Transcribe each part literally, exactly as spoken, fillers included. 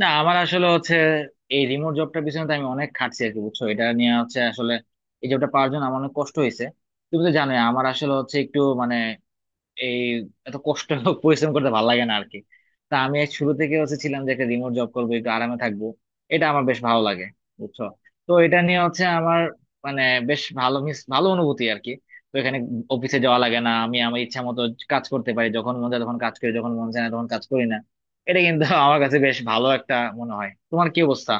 না আমার আসলে হচ্ছে এই রিমোট জবটার পিছনে তো আমি অনেক খাটছি আর কি বুঝছো। এটা নিয়ে হচ্ছে আসলে এই জবটা পাওয়ার জন্য আমার অনেক কষ্ট হয়েছে। তুমি তো জানোই আমার আসলে হচ্ছে একটু মানে এই এত কষ্ট পরিশ্রম করতে ভালো লাগে না আর কি। তা আমি এক শুরু থেকে হচ্ছে ছিলাম যে একটা রিমোট জব করবো একটু আরামে থাকবো। এটা আমার বেশ ভালো লাগে বুঝছো। তো এটা নিয়ে হচ্ছে আমার মানে বেশ ভালো মিস ভালো অনুভূতি আর কি। তো এখানে অফিসে যাওয়া লাগে না, আমি আমার ইচ্ছা মতো কাজ করতে পারি, যখন মন চায় তখন কাজ করি, যখন মন চায় না তখন কাজ করি না। এটা কিন্তু আমার কাছে বেশ ভালো একটা মনে হয়। তোমার কি অবস্থা?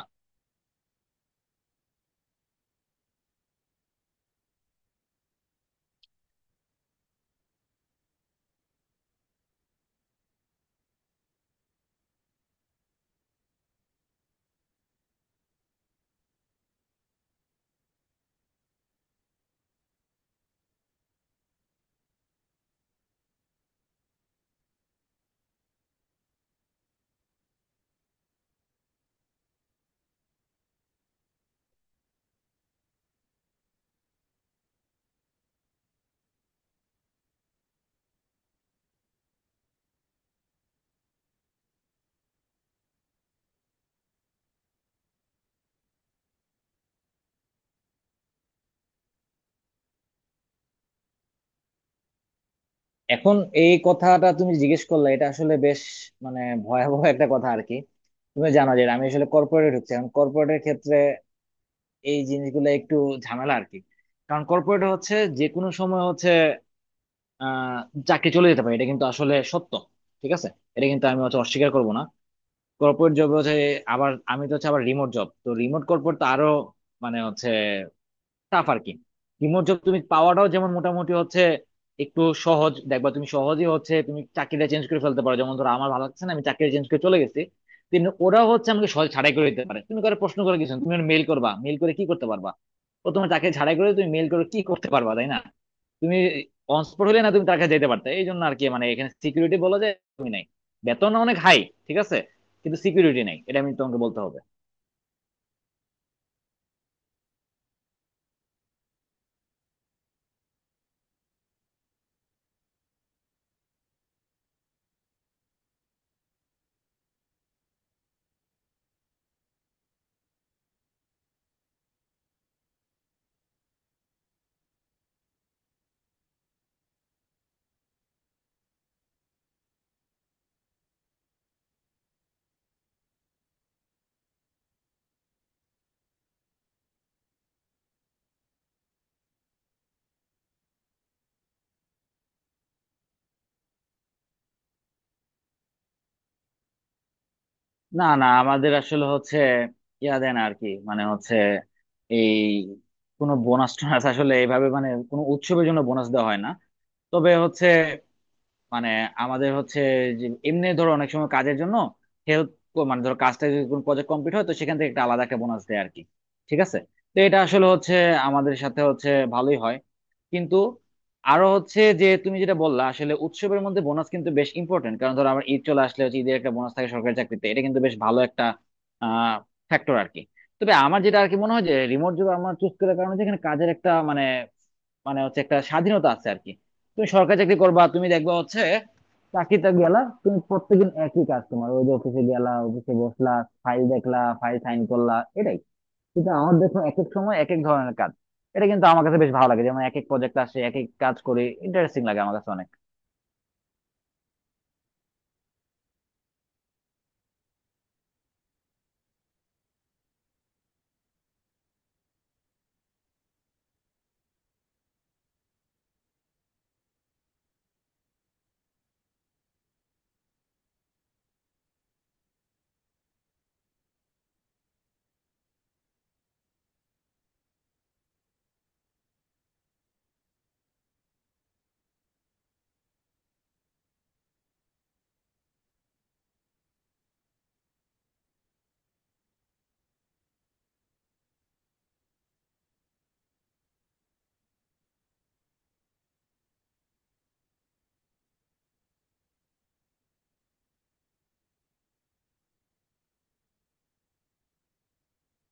এখন এই কথাটা তুমি জিজ্ঞেস করলে, এটা আসলে বেশ মানে ভয়াবহ একটা কথা আর কি। তুমি জানো যে আমি আসলে কর্পোরেটে ঢুকছি। এখন কর্পোরেটের ক্ষেত্রে এই জিনিসগুলো একটু ঝামেলা আর কি। কারণ কর্পোরেটে হচ্ছে যে কোনো সময় হচ্ছে আহ চাকরি চলে যেতে পারে, এটা কিন্তু আসলে সত্য। ঠিক আছে, এটা কিন্তু আমি হচ্ছে অস্বীকার করবো না। কর্পোরেট জব হচ্ছে, আবার আমি তো হচ্ছে আবার রিমোট জব তো রিমোট কর্পোরেট তো আরো মানে হচ্ছে টাফ আর কি। রিমোট জব তুমি পাওয়াটাও যেমন মোটামুটি হচ্ছে একটু সহজ, দেখবা তুমি সহজেই হচ্ছে তুমি চাকরিটা চেঞ্জ করে ফেলতে পারো। যেমন ধরো আমার ভালো লাগছে না, আমি চাকরি চেঞ্জ করে চলে গেছি। কিন্তু ওরা হচ্ছে আমাকে সহজ ছাড়াই করে দিতে পারে, তুমি করে প্রশ্ন করে কিছু না, তুমি মেল করবা, মেল করে কি করতে পারবা? ও তোমার চাকরি ছাড়াই করে, তুমি মেল করে কি করতে পারবা, তাই না? তুমি অনস্পট হলে না তুমি টাকা যেতে পারতে, এই জন্য আর কি। মানে এখানে সিকিউরিটি বলা যায় তুমি নাই। বেতন অনেক হাই, ঠিক আছে, কিন্তু সিকিউরিটি নাই, এটা আমি তোমাকে বলতে হবে। না না, আমাদের আসলে হচ্ছে ইয়া দেন আর কি। মানে হচ্ছে এই কোনো বোনাস টোনাস আসলে এইভাবে মানে কোনো উৎসবের জন্য বোনাস দেওয়া হয় না। তবে হচ্ছে মানে আমাদের হচ্ছে যে এমনি ধরো অনেক সময় কাজের জন্য হেল্প মানে ধরো কাজটা যদি কোনো প্রজেক্ট কমপ্লিট হয় তো সেখান থেকে একটা আলাদা একটা বোনাস দেয় আর কি। ঠিক আছে, তো এটা আসলে হচ্ছে আমাদের সাথে হচ্ছে ভালোই হয়। কিন্তু আরো হচ্ছে, যে তুমি যেটা বললা আসলে উৎসবের মধ্যে বোনাস কিন্তু বেশ ইম্পর্টেন্ট। কারণ ধরো আমার ঈদ চলে আসলে হচ্ছে ঈদের একটা বোনাস থাকে সরকারি চাকরিতে, এটা কিন্তু বেশ ভালো একটা আহ ফ্যাক্টর আর কি। তবে আমার যেটা আর কি মনে হয় যে রিমোট জব আমার চুজ করার কারণে হচ্ছে এখানে কাজের একটা মানে মানে হচ্ছে একটা স্বাধীনতা আছে আর কি। তুমি সরকারি চাকরি করবা, তুমি দেখবা হচ্ছে চাকরিতে গেলা, তুমি প্রত্যেকদিন একই কাজ, তোমার ওই যে অফিসে গেলা, অফিসে বসলা, ফাইল দেখলা, ফাইল সাইন করলা, এটাই। কিন্তু আমার দেখুন এক এক সময় এক এক ধরনের কাজ। এটা কিন্তু আমার কাছে বেশ ভালো লাগে, যেমন এক এক প্রজেক্ট আসে, এক এক কাজ করে ইন্টারেস্টিং লাগে আমার কাছে অনেক।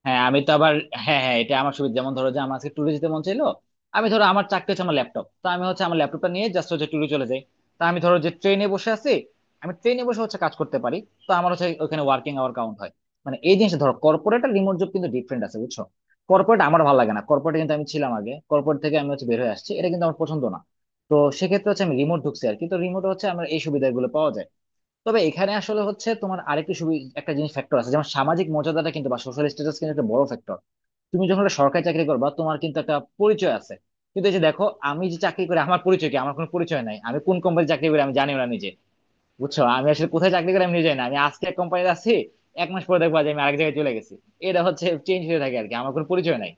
হ্যাঁ আমি তো আবার, হ্যাঁ হ্যাঁ এটা আমার সুবিধা। যেমন ধরো যে আমার আজকে ট্যুরে যেতে মন চাইলো, আমি ধরো আমার চাকরি হচ্ছে আমার ল্যাপটপ তো আমি হচ্ছে আমার ল্যাপটপটা নিয়ে জাস্ট হচ্ছে ট্যুরে চলে যাই। তা আমি ধরো যে ট্রেনে বসে আছি, আমি ট্রেনে বসে হচ্ছে কাজ করতে পারি, তো আমার হচ্ছে ওখানে ওয়ার্কিং আওয়ার কাউন্ট হয়। মানে এই জিনিসটা ধরো কর্পোরেট আর রিমোট জব কিন্তু ডিফারেন্ট আছে, বুঝছো। কর্পোরেট আমার ভালো লাগে না, কর্পোরেট কিন্তু আমি ছিলাম আগে, কর্পোরেট থেকে আমি হচ্ছে বের হয়ে আসছি, এটা কিন্তু আমার পছন্দ না। তো সেক্ষেত্রে হচ্ছে আমি রিমোট ঢুকছি আর কি, তো রিমোট হচ্ছে আমার এই সুবিধাগুলো পাওয়া যায়। তবে এখানে আসলে হচ্ছে তোমার আরেকটা সুবি একটা জিনিস ফ্যাক্টর আছে, যেমন সামাজিক মর্যাদাটা কিন্তু বা সোশ্যাল স্ট্যাটাস কিন্তু একটা বড় ফ্যাক্টর। তুমি যখন একটা সরকারি চাকরি করবা তোমার কিন্তু একটা পরিচয় আছে। কিন্তু এই যে দেখো আমি যে চাকরি করি আমার পরিচয় কি? আমার কোনো পরিচয় নাই, আমি কোন কোম্পানি চাকরি করি আমি জানি না নিজে। বুঝছো, আমি আসলে কোথায় চাকরি করি আমি নিজে জানি না। আমি আজকে এক কোম্পানিতে আছি, এক মাস পরে দেখবো যে আমি আরেক জায়গায় চলে গেছি। এটা হচ্ছে চেঞ্জ হয়ে থাকে আর কি, আমার কোনো পরিচয় নাই।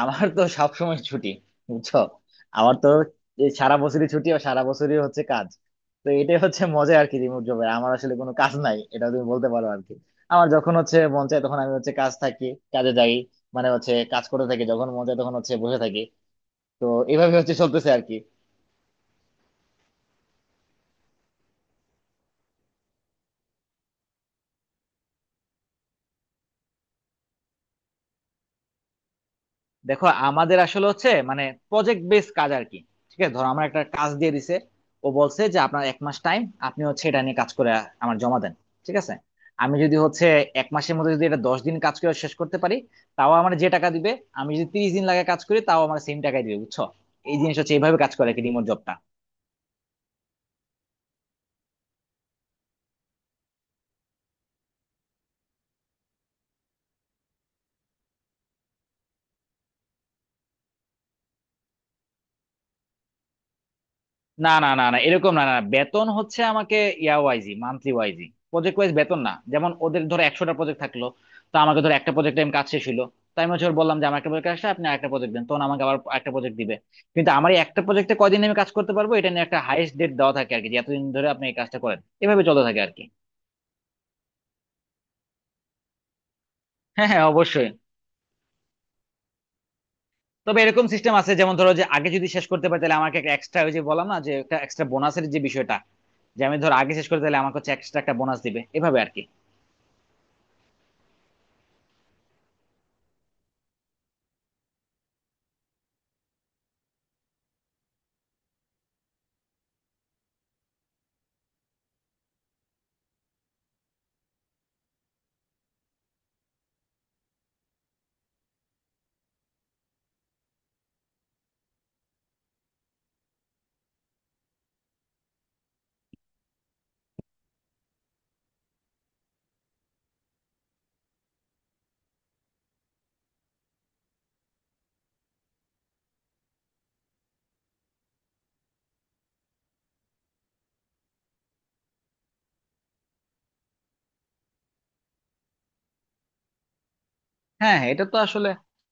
আমার তো সবসময় ছুটি, বুঝছো। আমার তো এই সারা বছরই ছুটি আর সারা বছরই হচ্ছে কাজ। তো এটাই হচ্ছে মজা আর কি, রিমোট জবে আমার আসলে কোনো কাজ নাই, এটা তুমি বলতে পারো আর কি। আমার যখন হচ্ছে মন চায় তখন আমি হচ্ছে কাজ থাকি, কাজে যাই, মানে হচ্ছে কাজ করতে থাকি, যখন মন চায় তখন হচ্ছে বসে থাকি। তো এইভাবে হচ্ছে চলতেছে আর কি। দেখো আমাদের আসলে হচ্ছে মানে প্রজেক্ট বেস কাজ আর কি। ঠিক আছে, ধরো আমার একটা কাজ দিয়ে দিছে, ও বলছে যে আপনার এক মাস টাইম, আপনি হচ্ছে এটা নিয়ে কাজ করে আমার জমা দেন। ঠিক আছে, আমি যদি হচ্ছে এক মাসের মধ্যে যদি এটা দশ দিন কাজ করে শেষ করতে পারি তাও আমার যে টাকা দিবে, আমি যদি তিরিশ দিন লাগে কাজ করি তাও আমার সেম টাকাই দিবে, বুঝছো। এই জিনিস হচ্ছে এইভাবে কাজ করে আর কি রিমোট জবটা। না না না না, এরকম না, না না। বেতন হচ্ছে আমাকে ইয়া ওয়াইজি মান্থলি ওয়াইজি, প্রজেক্ট ওয়াইজ বেতন না। যেমন ওদের ধরো একশোটা প্রজেক্ট থাকলো, তো আমাকে ধরো একটা প্রজেক্ট টাইম কাজ শেষ হলো, তাই আমি হচ্ছে ওর বললাম যে আমার একটা প্রজেক্ট আসলে আপনি একটা প্রজেক্ট দেন, তখন আমাকে আবার একটা প্রজেক্ট দিবে। কিন্তু আমার এই একটা প্রজেক্টে কয়দিন আমি কাজ করতে পারবো এটা নিয়ে একটা হাইয়েস্ট ডেট দেওয়া থাকে আর কি, যে এতদিন ধরে আপনি এই কাজটা করেন, এভাবে চলতে থাকে আর কি। হ্যাঁ হ্যাঁ অবশ্যই। তবে এরকম সিস্টেম আছে, যেমন ধরো যে আগে যদি শেষ করতে পারি তাহলে আমাকে একটা এক্সট্রা ওই যে বললাম না যে একটা এক্সট্রা বোনাসের যে বিষয়টা, যে আমি ধরো আগে শেষ করতে তাহলে আমাকে হচ্ছে এক্সট্রা একটা বোনাস দিবে এভাবে আর কি। হ্যাঁ হ্যাঁ, এটা তো আসলে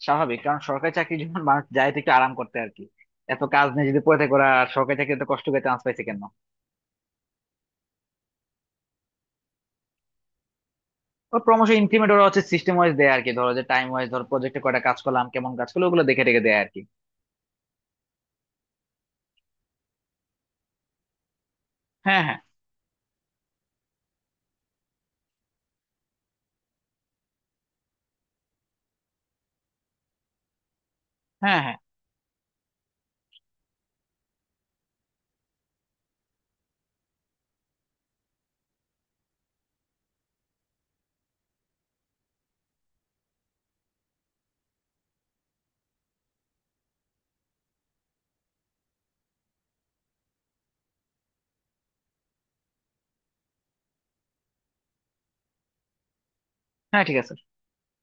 স্বাভাবিক, কারণ সরকারি চাকরি যখন মানুষ যায় তো একটু আরাম করতে আর কি। এত কাজ নিয়ে যদি পড়ে থাকে ওরা, আর সরকারি চাকরি এত কষ্ট করে চান্স পাইছে কেন? ও, প্রমোশন ইনক্রিমেন্ট ওরা হচ্ছে সিস্টেম ওয়াইজ দেয় আর কি, ধরো যে টাইম ওয়াইজ, ধরো প্রজেক্টে কয়টা কাজ করলাম, কেমন কাজ করলো, ওগুলো দেখে রেখে দেয় আর কি। হ্যাঁ হ্যাঁ। হ্যাঁ হ্যাঁ হ্যাঁ, ঠিক আছে।